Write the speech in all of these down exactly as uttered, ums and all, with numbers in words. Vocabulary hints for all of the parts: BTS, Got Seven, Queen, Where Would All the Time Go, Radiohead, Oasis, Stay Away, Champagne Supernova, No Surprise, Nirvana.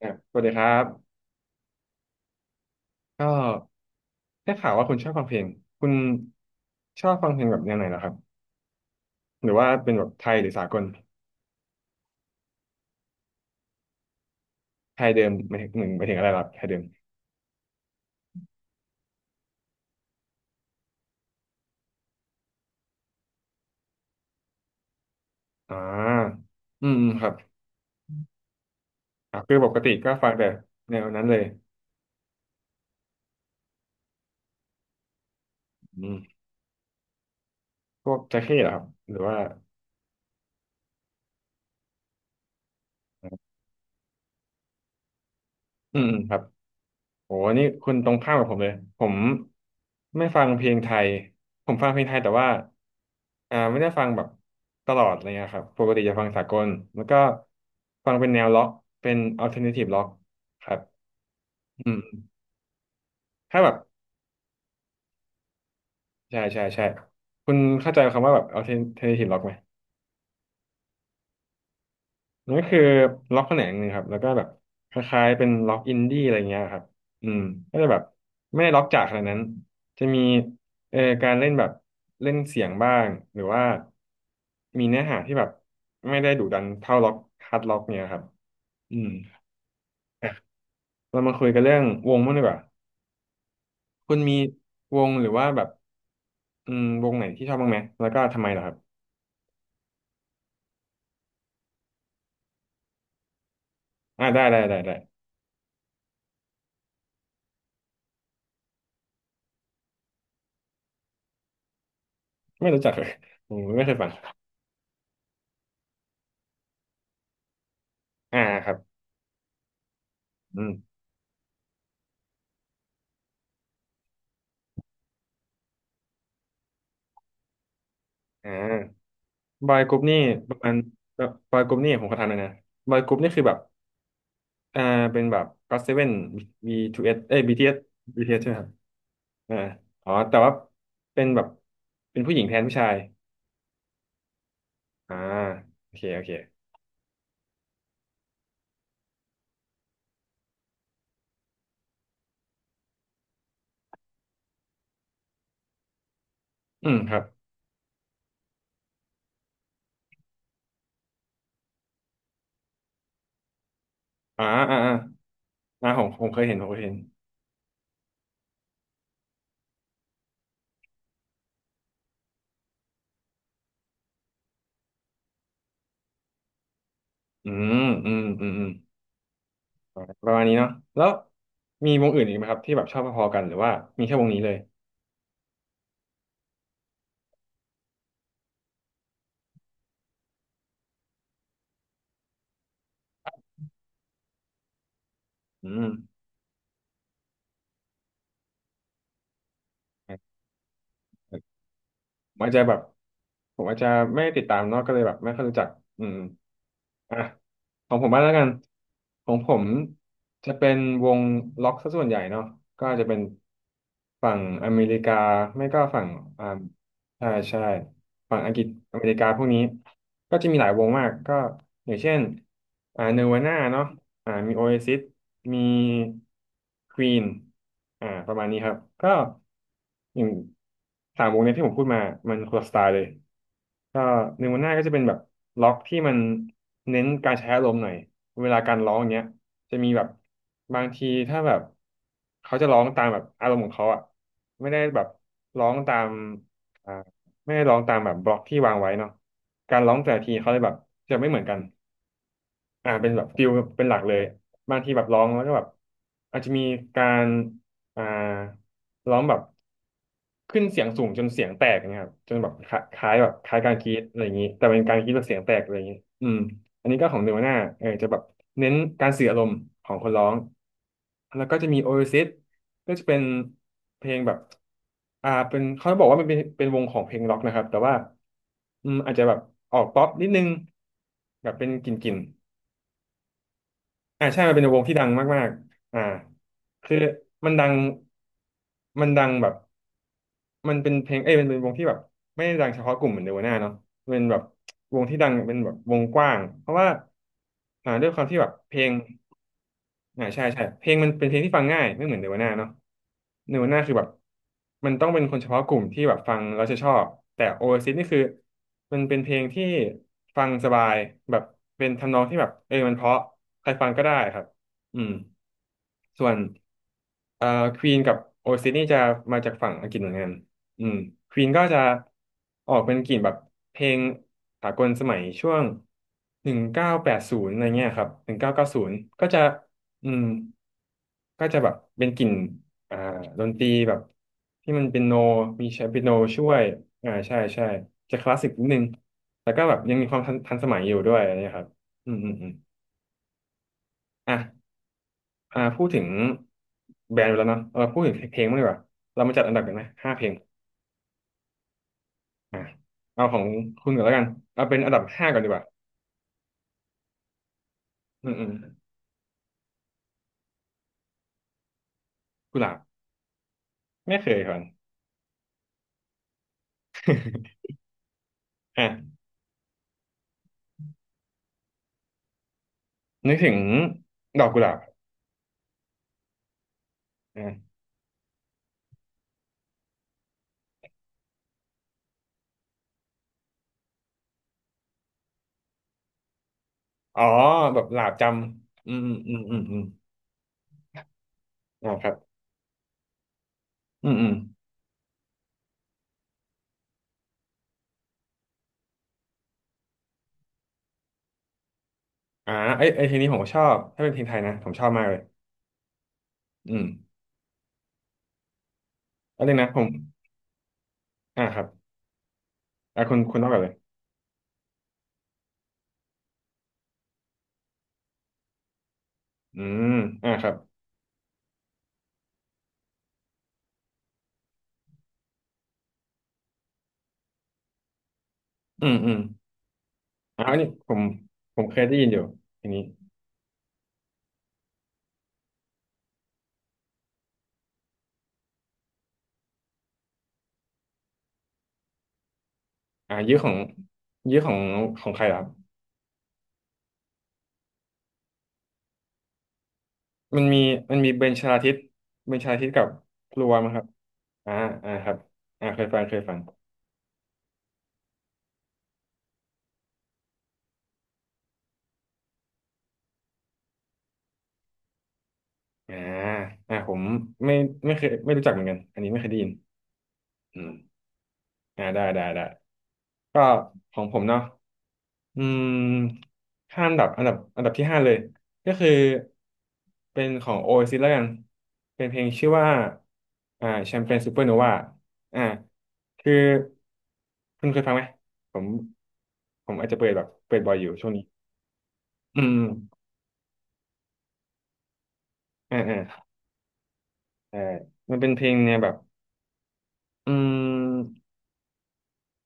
อ่ะสวัสดีครับก็ได้ข่าวว่าคุณชอบฟังเพลงคุณชอบฟังเพลงแบบแนวไหนเหรอครับหรือว่าเป็นแบบไทยหรือสากลไทยเดิมหมายถึงหนึ่งหมายถึงอะไรล่ะไทยเดิมอ่าอืมอืมครับอ่ะคือปกติก็ฟังแต่แนวนั้นเลยอืมพวกแจ็คเก็เหรอครับหรือว่าอืมอืมครับ โอ้นี่คุณตรงข้ามกับผมเลยผมไม่ฟังเพลงไทยผมฟังเพลงไทยแต่ว่าอ่าไม่ได้ฟังแบบตลอดอะไรเงี้ยครับปกติจะฟังสากลแล้วก็ฟังเป็นแนวล็อกเป็นอัลเทอร์เนทีฟล็อกครับอืมถ้าแบบใช่ใช่ใช่คุณเข้าใจคำว่าแบบอัลเทอร์เนทีฟล็อกไหม นั่นก็คือล็อกแขนงหนึ่งครับแล้วก็แบบคล้ายๆเป็นล็อกอินดี้อะไรเงี้ยครับอืมก็จะแบบไม่ได้ล็อกจ๋าขนาดนั้นจะมีเอ่อการเล่นแบบเล่นเสียงบ้างหรือว่ามีเนื้อหาที่แบบไม่ได้ดุดันเท่าล็อกฮาร์ดล็อกเนี่ยครับอืมเรามาคุยกันเรื่องวงมั่งดีกว่าคุณมีวงหรือว่าแบบอืมวงไหนที่ชอบบ้างไหมแล้วก็ทำไมล่ะครับอ่าได้ได้ได้ได้ไม่รู้จักเลยผมไม่เคยฟังอ่าครับอืมอ่า บอยกรุ๊ปนี่ประมาณบอยกรุ๊ปนี่ผมขอถามหน่อยนะบอยกรุ๊ปนี่คือแบบอ่าเป็นแบบก็อตเซเว่นบีทูเอสเอ้ยบีทีเอสบีทีเอสใช่ไหมครับอ่าอ๋อแต่ว่าเป็นแบบเป็นผู้หญิงแทนผู้ชายอ่าโอเคโอเคอืมครับอ่าอ่าอ่าอ่าผมผมเคยเห็นผมเคยเห็นอืมอืมอืมอืมอ่าประมาณนี้เนาะแล้วมีวงอื่นอีกไหมครับที่แบบชอบพอๆกันหรือว่ามีแค่วงนี้เลยอืม ผมอาจจะแบบผมอาจจะไม่ได้ติดตามเนาะก็เลยแบบไม่ค่อยรู้จักอืมอ่ะของผมบ้างแล้วกันของผมจะเป็นวงล็อกซะส่วนใหญ่เนาะก็อาจจะเป็นฝั่งอเมริกาไม่ก็ฝั่งอ่าใช่ใช่ฝั่งอังกฤษอเมริกาพวกนี้ก็จะมีหลายวงมากก็อย่างเช่นอ่าเนวาน่าเนาะ อ่ามีโอเอซิสมีควีนอ่าประมาณนี้ครับก็อย่างสามวงเนี้ยที่ผมพูดมามันคนละสไตล์เลยก็ในวันหน้าก็จะเป็นแบบล็อกที่มันเน้นการใช้อารมณ์หน่อยเวลาการร้องอย่างเงี้ยจะมีแบบบางทีถ้าแบบเขาจะร้องตามแบบอารมณ์ของเขาอ่ะไม่ได้แบบร้องตามอ่าไม่ได้ร้องตามแบบบล็อกที่วางไว้เนาะการร้องแต่ละทีเขาเลยแบบจะไม่เหมือนกัน อ่าเป็นแบบฟิลเป็นหลักเลยบางทีแบบร้องแล้วก็แบบอาจจะมีการอ่าร้องแบบขึ้นเสียงสูงจนเสียงแตกนะครับจนแบบคล้าคล้ายแบบคล้ายการกรีดอะไรอย่างนี้แต่เป็นการกรีดแบบเสียงแตกอะไรอย่างนี้อืมอันนี้ก็ของเนวาน่าเออจะแบบเน้นการสื่ออารมณ์ของคนร้องแล้วก็จะมีโอเอซิสก็จะเป็นเพลงแบบอ่าเป็นเขาบอกว่ามันเป็นเป็นวงของเพลงร็อกนะครับแต่ว่าอืมอาจจะแบบออกป๊อปนิดนึงแบบเป็นกลิ่นๆ อ่าใช่มันเป็นวงที่ดังมาก อ่าคือมันดังมันดังแบบมันเป็นเพลงเอ้ยเป็นวงที่แบบไม่ได้ดังเฉพาะกลุ่มเหมือนเนวาน่าเนาะเป็นแบบวงที่ดังเป็นแบบวงกว้างเพราะว่าอ่าด้วยความที่แบบเพลงอ่าใช่ใช่เพลงมันเป็นเพลงที่ฟังง่ายไม่เหมือนเนวาน่าเนาะเนวาน่าคือแบบมันต้องเป็นคนเฉพาะกลุ่มที่แบบฟังแล้วจะชอบแต่โอเอซิสนี่คือมันเป็นเพลงที่ฟังสบายแบบเป็นทำนองที่แบบเออมันเพราะใครฟังก็ได้ครับอืม ส่วนเอ่อควีนกับโอซิสนี่จะมาจากฝั่งอังกฤษเหมือนกันอืมควีนก็จะออกเป็นกลิ่นแบบเพลงสากลสมัยช่วงหนึ่งเก้าแปดศูนย์อะไรเงี้ยครับหนึ่งเก้าเก้าศูนย์ก็จะอืมก็จะแบบเป็นกลิ่นอ่าดนตรีแบบที่มันเป็นโนมีใช้เปียโนช่วยอ่าใช่ใช่จะคลาสสิกนิดนึงแล้วก็แบบยังมีความทันทันสมัยอยู่ด้วยอะไรเงี้ยครับอืมอืมอืมอ่ะ อ่าพูดถึงแบรนด์ไปแล้วเนาะเราพูดถึงเพลงบ้างดีกว่าเรามาจัดอันดับกันไหมห้าเพลงอ่าเอาของคุณก่อนแล้วกันเอาเป็นอันดับห้าก่อนดีกว่าอืมอืมกุหลาบไม่เคยก่อนอ่ะนึกถึงดอกกุหลาบอ่ะอ๋อแบบหลาบจำอืมอืมอืมอืมอมอ่าครับอืมอืมอ่าไอไอเพลงนี้ผมก็ชอบถ้าเป็นเพลงไทยนะผมชอบมากเลยอืมแล้วนึงนะผมอ่าครับอ่าคุณคุณต้องก่อนเลยอืมอ่าครับอืมอืมอ่าอันนี้ผมผมเคยได้ยินอยู่เพลงนี้ อ่ายื้อของยื้อของของใครล่ะครับมันมีมันมีเบนชลาทิศเบนชลาทิศกับพลัวมั้งครับอ่าอ่าครับอ่าเคยฟังเคยฟังอ่าอ่าผมไม่ไม่เคยไม่รู้จักเหมือนกันอันนี้ไม่เคยได้ยินอืมอ่าได้ได้ได้ก็ของผมเนาะ อืมห้าอันดับอันดับอันดับที่ห้าเลยก็คือเป็นของ o a ซิสแล้วกันเป็นเพลงชื่อว่าอ่าแชมเปญซูเปอร์โนวาอ่าคือคุณเคยฟังไหมผมผมอาจจะเปิดแบบเปิดบ่อยอยู่ช่วงนี้อืมอืมอ่าอ่าเออมันเป็นเพลงเนี่ยแบบอืม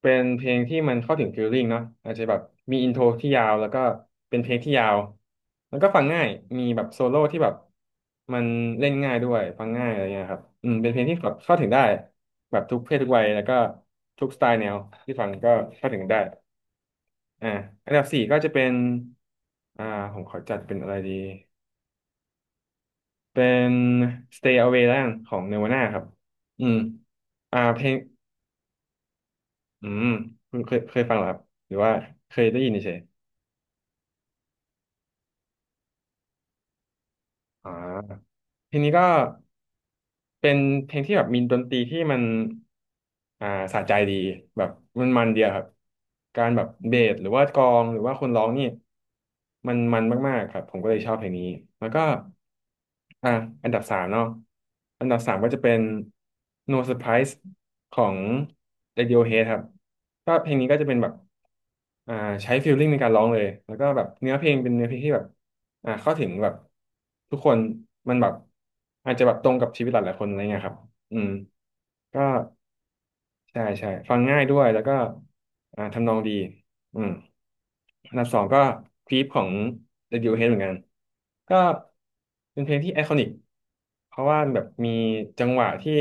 เป็นเพลงที่มันเข้าถึงฟีลลิ่งเนาะอาจจะแบบมีอินโทรที่ยาวแล้วก็เป็นเพลงที่ยาวแล้วก็ฟังง่ายมีแบบโซโล่ที่แบบมันเล่นง่ายด้วยฟังง่ายอะไรเงี้ยครับอืมเป็นเพลงที่แบบเข้าถึงได้แบบทุกเพศทุกวัยแล้วก็ทุกสไตล์แนวที่ฟังก็เข้าถึงได้อ่าอันดับสี่ก็จะเป็นอ่าผมขอจัดเป็นอะไรดีเป็น Stay Away แล้วกันของ Nirvana ครับอืมอ่าเพลงอืมคุณเคยเคยฟังเหรอครับหรือว่าเคยได้ยินเฉย อ่าเพลงนี้ก็เป็นเพลงที่แบบมีดนตรีที่มันอ่าสะใจดีแบบมันมันเดียวครับการแบบเบสหรือว่ากลองหรือว่าคนร้องนี่มันมันมากๆครับผมก็เลยชอบเพลงนี้แล้วก็อ่าอันดับสามเนาะอันดับสามก็จะเป็น No Surprise ของ Radiohead ครับก็เพลงนี้ก็จะเป็นแบบ อ่าใช้ฟีลลิ่งในการร้องเลยแล้วก็แบบเนื้อเพลงเป็นเนื้อเพลงที่แบบอ่าเข้าถึงแบบทุกคนมันแบบอาจจะแบบตรงกับชีวิตหลายๆคนอะไรเงี้ยครับอืมก็ ใช่ใช่ฟังง่ายด้วยแล้วก็อ่าทำนองดีอืมอันดับสองก็คลิปของ Radiohead เหมือนกันก็เป็นเพลงที่ไอคอนิกเพราะว่าแบบมีจังหวะที่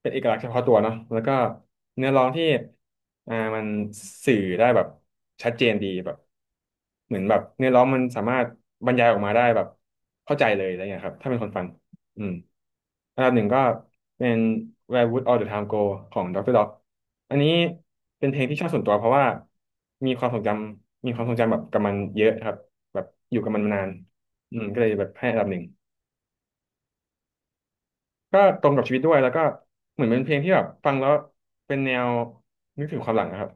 เป็นเอกลักษณ์เฉพาะตัวเนาะแล้วก็เนื้อร้องที่อ่ามันสื่อได้แบบชัดเจนดีแบบเหมือนแบบเนื้อร้องมันสามารถบรรยายออกมาได้แบบเข้าใจเลยอะไรเงี้ยครับถ้าเป็นคนฟัง อืมอันดับหนึ่งก็เป็น Where Would All the Time Go ของ ดอกเตอร์ Dog อันนี้เป็นเพลงที่ชอบส่วนตัวเพราะว่ามีความทรงจำมีความทรงจำแบบกับมันเยอะครับแบบอยู่กับมันมานานอืมก็เลยแบบให้อันดับหนึ่งก็ตรงกับชีวิตด้วยแล้วก็เหมือนเป็นเพลงที่แบบฟังแล้วเป็นแนวนึกถึงความหลังนะครับ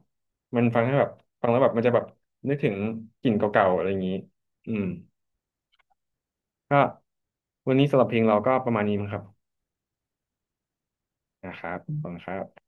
มันฟังให้แบบฟังแล้วแบบมันจะแบบนึกถึงกลิ่นเก่าๆอะไรอย่างนี้อืมก็วันนี้สำหรับเพลงเราก็ประมาณนี้มั้งครับนะครับขอบคุณครับ